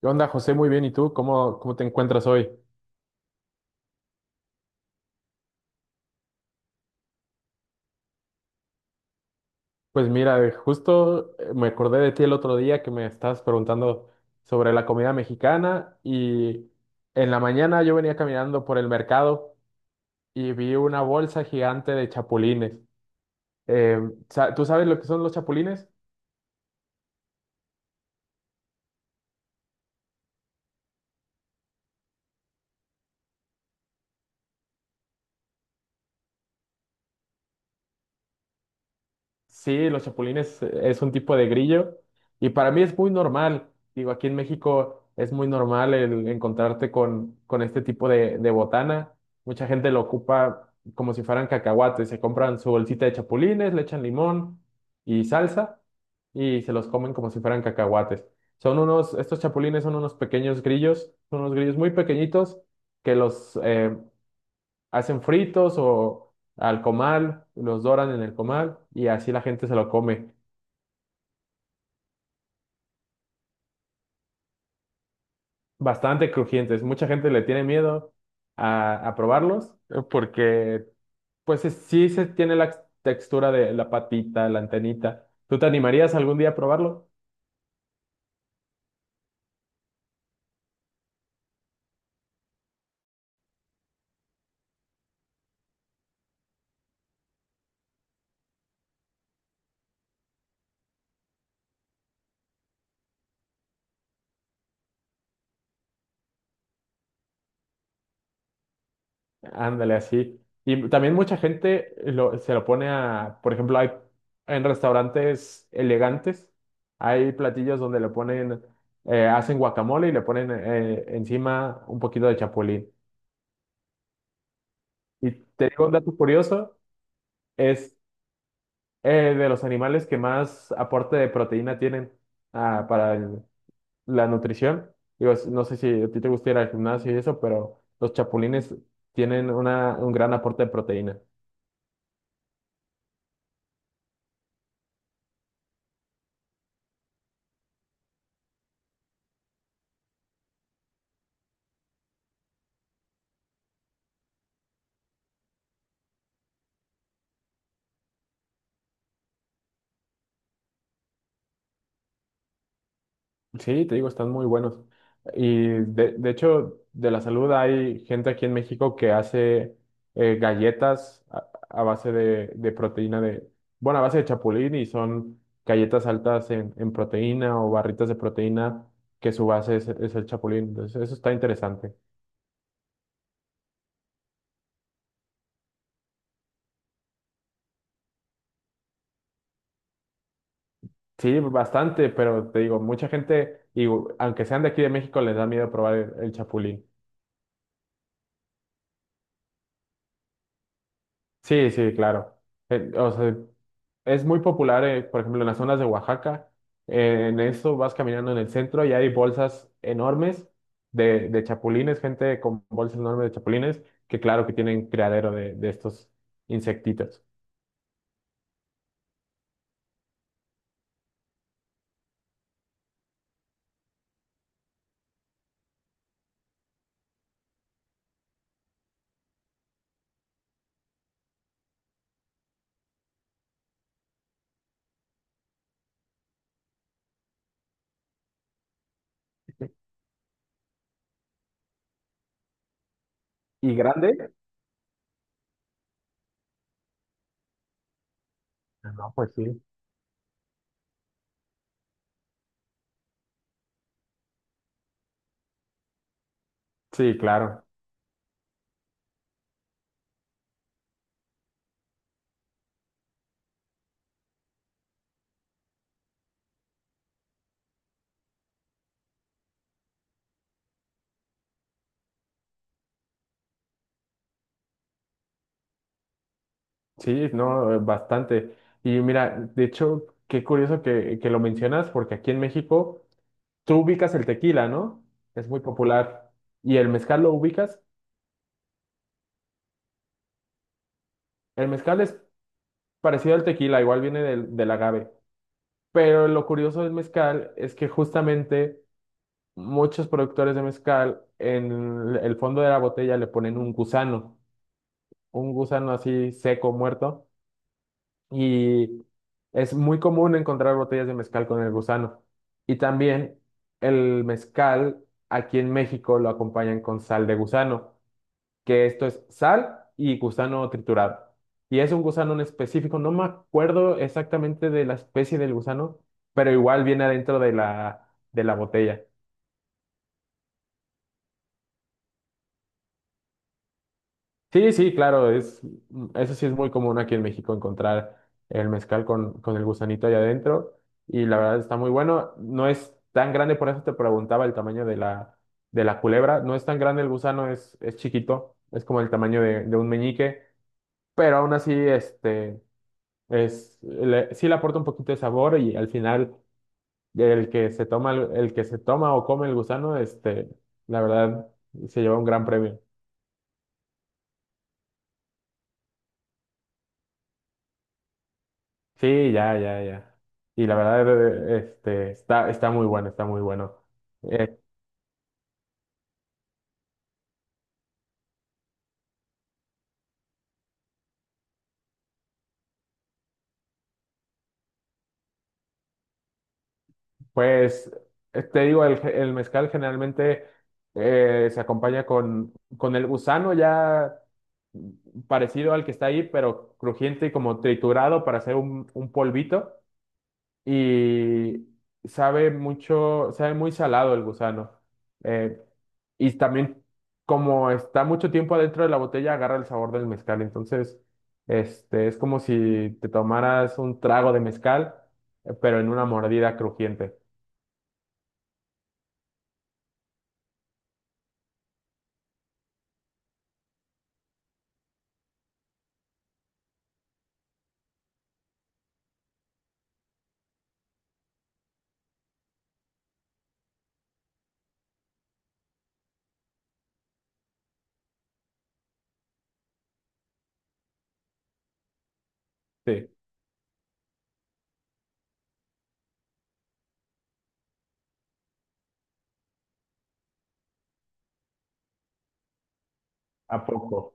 ¿Qué onda, José? Muy bien. ¿Y tú? ¿Cómo te encuentras hoy? Pues mira, justo me acordé de ti el otro día que me estabas preguntando sobre la comida mexicana y en la mañana yo venía caminando por el mercado y vi una bolsa gigante de chapulines. Eh, ¿Tú sabes lo que son los chapulines? Sí, los chapulines es un tipo de grillo y para mí es muy normal. Digo, aquí en México es muy normal el encontrarte con este tipo de botana. Mucha gente lo ocupa como si fueran cacahuates. Se compran su bolsita de chapulines, le echan limón y salsa y se los comen como si fueran cacahuates. Son unos, estos chapulines son unos pequeños grillos, son unos grillos muy pequeñitos que los, hacen fritos o al comal, los doran en el comal y así la gente se lo come. Bastante crujientes. Mucha gente le tiene miedo a probarlos porque pues sí se tiene la textura de la patita, la antenita. ¿Tú te animarías algún día a probarlo? Ándale, así. Y también mucha gente se lo pone a, por ejemplo, hay en restaurantes elegantes, hay platillos donde le ponen, hacen guacamole y le ponen encima un poquito de chapulín. Y te digo un dato curioso, es de los animales que más aporte de proteína tienen para la nutrición. Digo, no sé si a ti te gusta ir al gimnasio y eso, pero los chapulines tienen una, un gran aporte de proteína. Sí, te digo, están muy buenos. Y de hecho, de la salud hay gente aquí en México que hace galletas a base de proteína de, bueno, a base de chapulín y son galletas altas en proteína o barritas de proteína que su base es el chapulín. Entonces, eso está interesante. Sí, bastante, pero te digo, mucha gente, y aunque sean de aquí de México, les da miedo probar el chapulín. Sí, sí, claro. O sea, es muy popular, por ejemplo, en las zonas de Oaxaca. En eso vas caminando en el centro y hay bolsas enormes de chapulines, gente con bolsas enormes de chapulines, que claro que tienen criadero de estos insectitos. ¿Y grande? No, pues sí. Sí, claro. Sí, no, bastante. Y mira, de hecho, qué curioso que lo mencionas, porque aquí en México tú ubicas el tequila, ¿no? Es muy popular. ¿Y el mezcal lo ubicas? El mezcal es parecido al tequila, igual viene del agave. Pero lo curioso del mezcal es que justamente muchos productores de mezcal en el fondo de la botella le ponen un gusano así seco, muerto. Y es muy común encontrar botellas de mezcal con el gusano. Y también el mezcal aquí en México lo acompañan con sal de gusano, que esto es sal y gusano triturado. Y es un gusano en específico, no me acuerdo exactamente de la especie del gusano, pero igual viene adentro de la botella. Sí, sí, claro, es, eso sí es muy común aquí en México encontrar el mezcal con el gusanito ahí adentro y la verdad está muy bueno. No es tan grande, por eso te preguntaba el tamaño de la culebra. No es tan grande el gusano, es chiquito, es como el tamaño de un meñique, pero aún así, este... Es, sí le aporta un poquito de sabor y al final el que se toma, el que se toma o come el gusano, este, la verdad, se lleva un gran premio. Sí, ya, ya, ya. Y la verdad, este, está, está muy bueno, está muy bueno. Eh, pues, te digo, el, el mezcal generalmente se acompaña con el gusano ya parecido al que está ahí, pero crujiente y como triturado para hacer un polvito. Y sabe mucho, sabe muy salado el gusano. Eh, y también, como está mucho tiempo adentro de la botella, agarra el sabor del mezcal. Entonces, este, es como si te tomaras un trago de mezcal, pero en una mordida crujiente. Sí, a poco.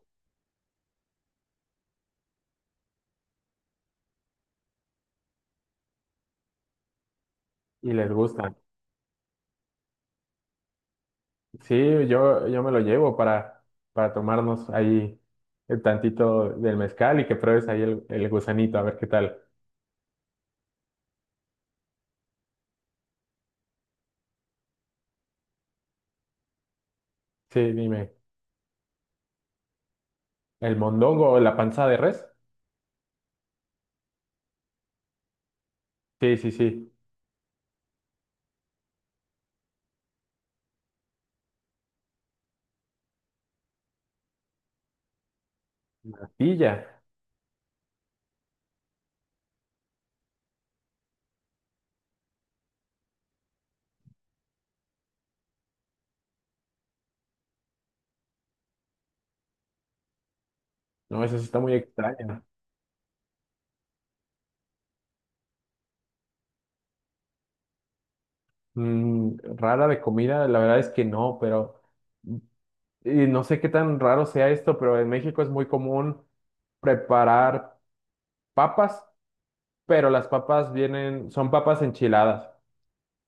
Y les gusta. Sí, yo me lo llevo para tomarnos ahí el tantito del mezcal y que pruebes ahí el gusanito, a ver qué tal. Sí, dime, ¿el mondongo o la panza de res? Sí, sí, sí. Natilla. No, esa sí está muy extraña. Mm, rara de comida, la verdad es que no, pero y no sé qué tan raro sea esto, pero en México es muy común preparar papas, pero las papas vienen, son papas enchiladas,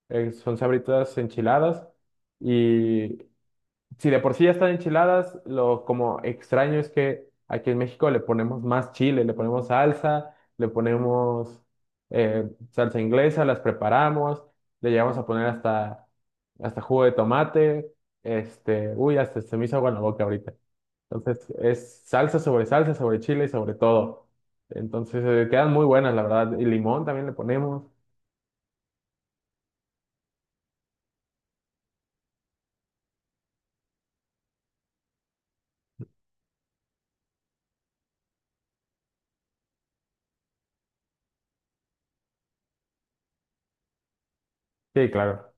son sabritas enchiladas y si de por sí ya están enchiladas, lo como extraño es que aquí en México le ponemos más chile, le ponemos salsa inglesa, las preparamos, le llegamos a poner hasta, hasta jugo de tomate, este, uy, hasta se me hizo agua en la boca ahorita. Entonces es salsa, sobre chile y sobre todo. Entonces quedan muy buenas, la verdad. Y limón también le ponemos. Sí, claro.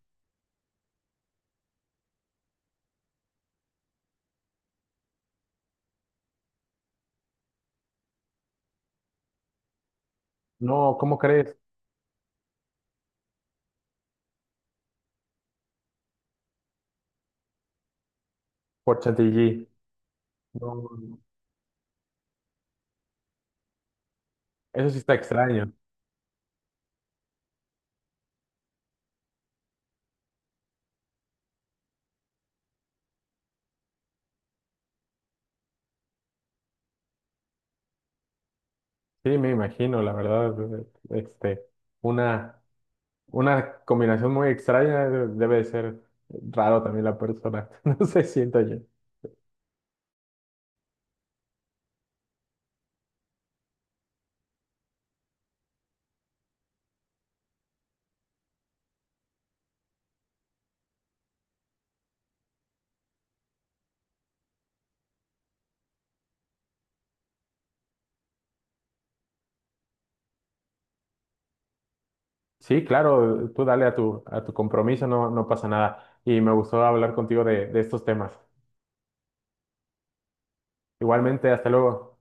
No, ¿cómo crees? Por chantilly. No, eso sí está extraño. Sí, me imagino, la verdad, este, una, una combinación muy extraña debe de ser raro también la persona, no sé, siento yo. Sí, claro, tú dale a tu compromiso, no, no pasa nada. Y me gustó hablar contigo de estos temas. Igualmente, hasta luego.